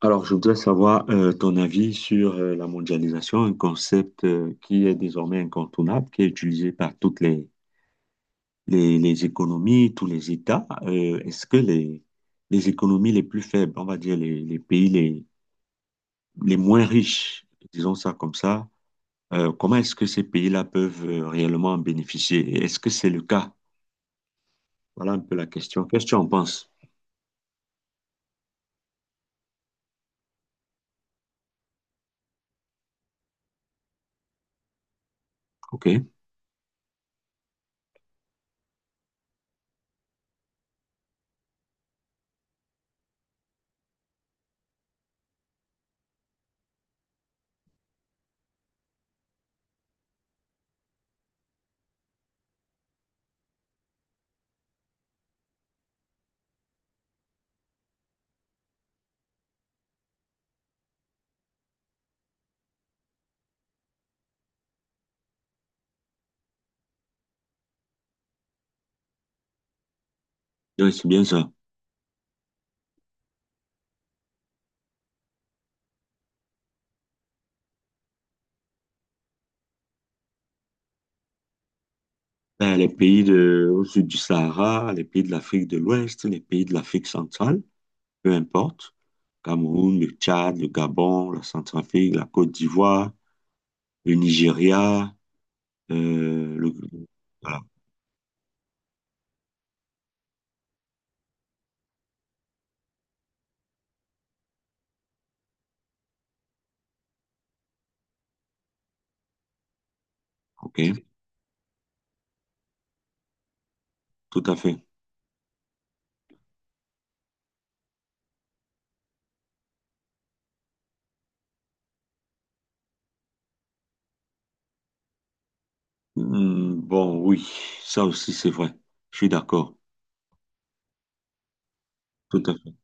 Alors, je voudrais savoir ton avis sur la mondialisation, un concept qui est désormais incontournable, qui est utilisé par toutes les économies, tous les États. Est-ce que les économies les plus faibles, on va dire les pays les moins riches, disons ça comme ça, comment est-ce que ces pays-là peuvent réellement en bénéficier? Et est-ce que c'est le cas? Voilà un peu la question. Qu'est-ce que tu en penses? OK. Oui, c'est bien ça. Ben, les pays de, au sud du Sahara, les pays de l'Afrique de l'Ouest, les pays de l'Afrique centrale, peu importe. Cameroun, le Tchad, le Gabon, la Centrafrique, la Côte d'Ivoire, le Nigeria, euh, le... Voilà, ok, tout à fait. Hmm, bon, oui, ça aussi c'est vrai. Je suis d'accord, tout à fait.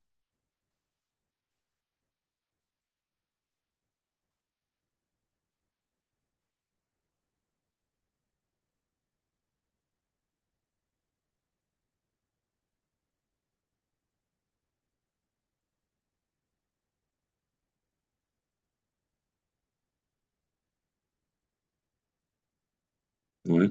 Ouais.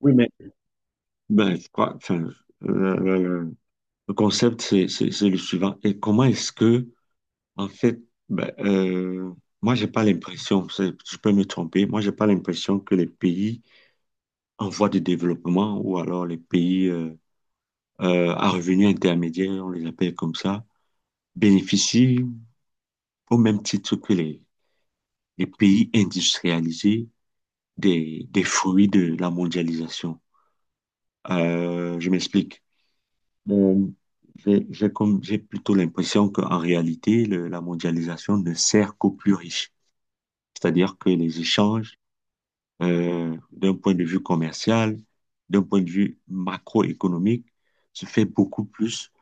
Oui, mais ben, je crois, enfin, le, le- le- le concept c'est le suivant. Et comment est-ce que... En fait, ben, moi, j'ai pas l'impression, je peux me tromper, moi, j'ai pas l'impression que les pays en voie de développement ou alors les pays à revenus intermédiaires, on les appelle comme ça, bénéficient au même titre que les pays industrialisés des fruits de la mondialisation. Je m'explique. Bon, j'ai plutôt l'impression qu'en réalité, la mondialisation ne sert qu'aux plus riches. C'est-à-dire que les échanges d'un point de vue commercial, d'un point de vue macroéconomique, se fait beaucoup plus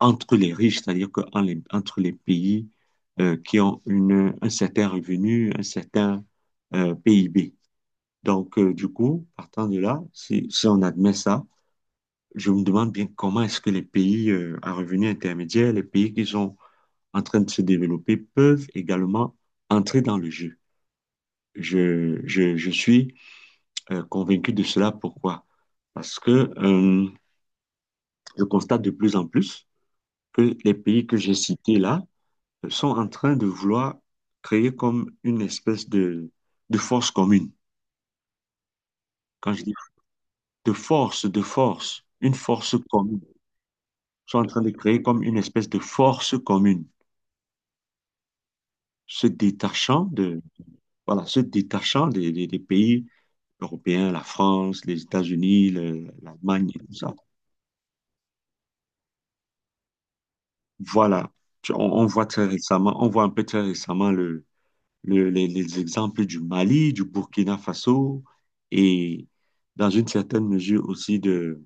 entre les riches, c'est-à-dire que entre les pays qui ont un certain revenu, un certain PIB. Donc, du coup, partant de là, si on admet ça, je me demande bien comment est-ce que les pays à revenus intermédiaires, les pays qui sont en train de se développer, peuvent également entrer dans le jeu. Je suis convaincu de cela. Pourquoi? Parce que je constate de plus en plus que les pays que j'ai cités là sont en train de vouloir créer comme une espèce de force commune. Quand je dis une force commune. Sont en train de créer comme une espèce de force commune, se détachant de, voilà, se détachant des pays européens, la France, les États-Unis, l'Allemagne et tout ça. Voilà, on voit très récemment, on voit un peu très récemment le, les exemples du Mali, du Burkina Faso et dans une certaine mesure aussi de,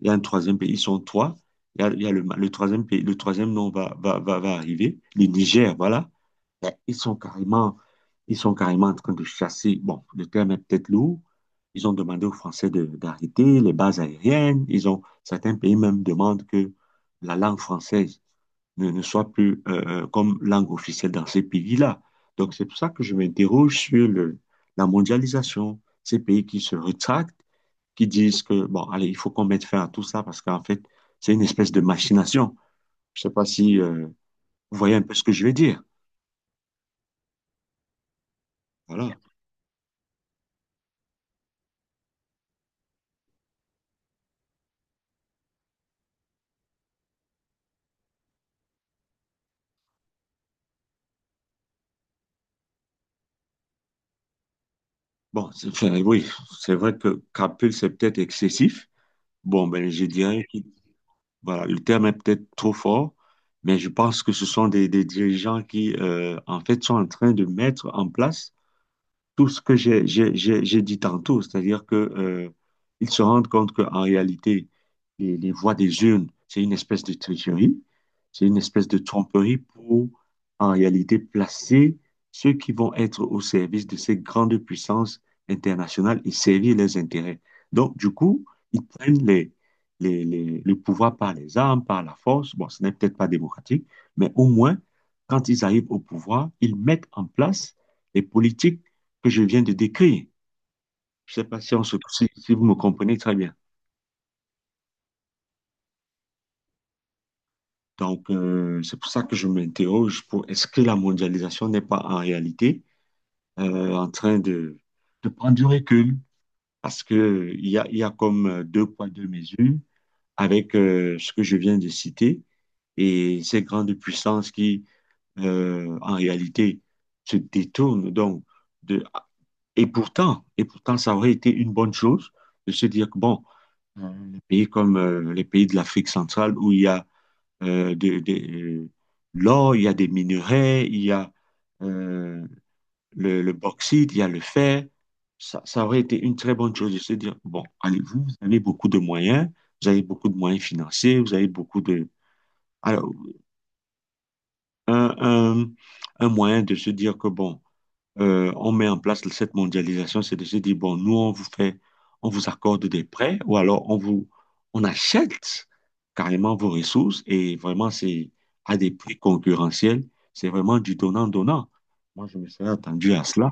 il y a un troisième pays, ils sont trois. Il y a le troisième pays, le troisième nom va arriver, le Niger, voilà. Ben, ils sont carrément, ils sont carrément en train de chasser. Bon, le terme est peut-être lourd. Ils ont demandé aux Français d'arrêter les bases aériennes. Ils ont, certains pays même demandent que la langue française ne soit plus comme langue officielle dans ces pays-là. Donc, c'est pour ça que je m'interroge sur le, la mondialisation, ces pays qui se rétractent, qui disent que, bon, allez, il faut qu'on mette fin à tout ça parce qu'en fait, c'est une espèce de machination. Je sais pas si vous voyez un peu ce que je veux dire. Voilà. Bon, enfin, oui, c'est vrai que capule, c'est peut-être excessif. Bon, ben, je dirais que voilà, le terme est peut-être trop fort, mais je pense que ce sont des dirigeants qui, en fait, sont en train de mettre en place tout ce que j'ai dit tantôt, c'est-à-dire que ils se rendent compte qu'en réalité, les voix des urnes, c'est une espèce de tricherie, c'est une espèce de tromperie pour, en réalité, placer ceux qui vont être au service de ces grandes puissances internationales et servir leurs intérêts. Donc, du coup, ils prennent le pouvoir par les armes, par la force. Bon, ce n'est peut-être pas démocratique, mais au moins, quand ils arrivent au pouvoir, ils mettent en place les politiques que je viens de décrire. Je ne sais pas si, si, si vous me comprenez très bien. Donc, c'est pour ça que je m'interroge pour est-ce que la mondialisation n'est pas en réalité en train de prendre du recul? Parce que il y a comme deux poids, deux mesures avec ce que je viens de citer et ces grandes puissances qui, en réalité, se détournent. Donc, de, et pourtant, ça aurait été une bonne chose de se dire que, bon, les pays comme les pays de l'Afrique centrale où il y a euh, de, de- euh, l'or, il y a des minerais, il y a euh, le bauxite, il y a le fer. Ça aurait été une très bonne chose de se dire, bon, allez-vous, vous avez beaucoup de moyens, vous avez beaucoup de moyens financiers, vous avez beaucoup de... Alors, un, un, un moyen de se dire que, bon, on met en place cette mondialisation, c'est de se dire, bon, nous, on vous fait, on vous accorde des prêts ou alors on vous, on achète carrément vos ressources et vraiment, c'est à des prix concurrentiels. C'est vraiment du donnant-donnant. Moi, je me serais attendu à cela.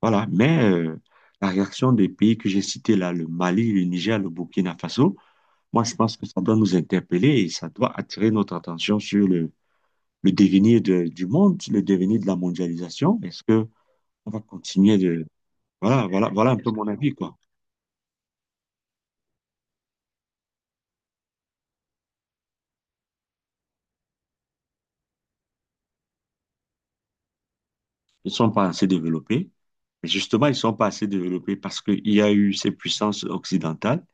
Voilà. Mais la réaction des pays que j'ai cités là, le Mali, le Niger, le Burkina Faso, moi, je pense que ça doit nous interpeller et ça doit attirer notre attention sur le devenir du monde, le devenir de la mondialisation. Est-ce que on va continuer de, voilà, voilà un peu mon avis, quoi. Ils ne sont pas assez développés. Mais justement, ils ne sont pas assez développés parce qu'il y a eu ces puissances occidentales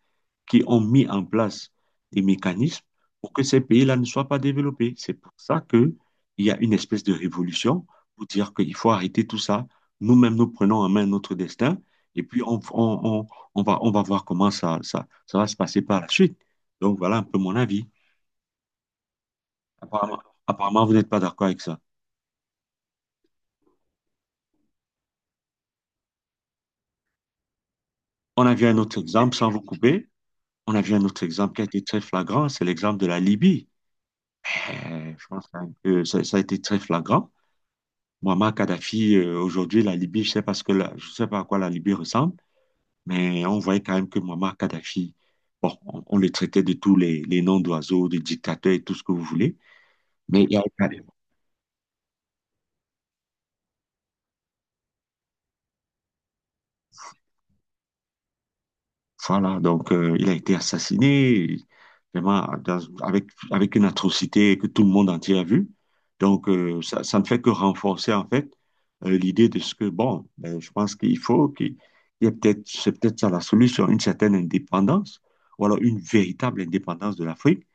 qui ont mis en place des mécanismes pour que ces pays-là ne soient pas développés. C'est pour ça qu'il y a une espèce de révolution pour dire qu'il faut arrêter tout ça. Nous-mêmes, nous prenons en main notre destin et puis on va, on va voir comment ça va se passer par la suite. Donc voilà un peu mon avis. Apparemment, apparemment vous n'êtes pas d'accord avec ça. On a vu un autre exemple sans vous couper. On a vu un autre exemple qui a été très flagrant, c'est l'exemple de la Libye. Eh, je pense que ça a été très flagrant. Muammar Kadhafi, aujourd'hui, la Libye, je sais pas ce que je sais pas à quoi la Libye ressemble, mais on voyait quand même que Muammar Kadhafi, bon, on le traitait de tous les noms d'oiseaux, de dictateurs et tout ce que vous voulez, mais il y a, voilà, donc il a été assassiné vraiment avec, avec une atrocité que tout le monde entier a vue. Donc ça, ça ne fait que renforcer en fait l'idée de ce que, bon, ben, je pense qu'il faut qu'il il y ait peut-être, c'est peut-être ça la solution, une certaine indépendance, ou alors une véritable indépendance de l'Afrique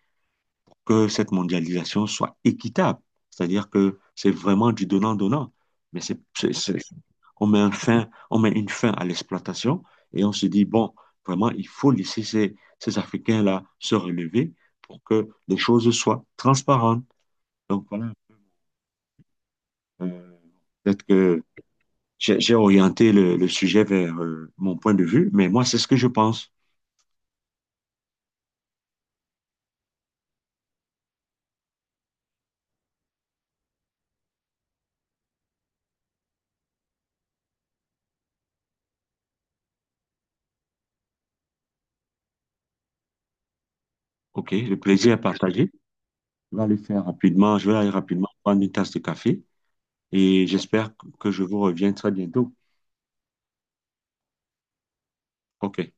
pour que cette mondialisation soit équitable. C'est-à-dire que c'est vraiment du donnant-donnant, mais on met un fin, on met une fin à l'exploitation et on se dit, bon, vraiment, il faut laisser ces Africains-là se relever pour que les choses soient transparentes. Donc voilà, euh, peut-être que j'ai orienté le sujet vers mon point de vue, mais moi, c'est ce que je pense. OK, le plaisir est partagé. Je vais aller faire rapidement, je vais aller rapidement prendre une tasse de café et j'espère que je vous reviens très bientôt. OK.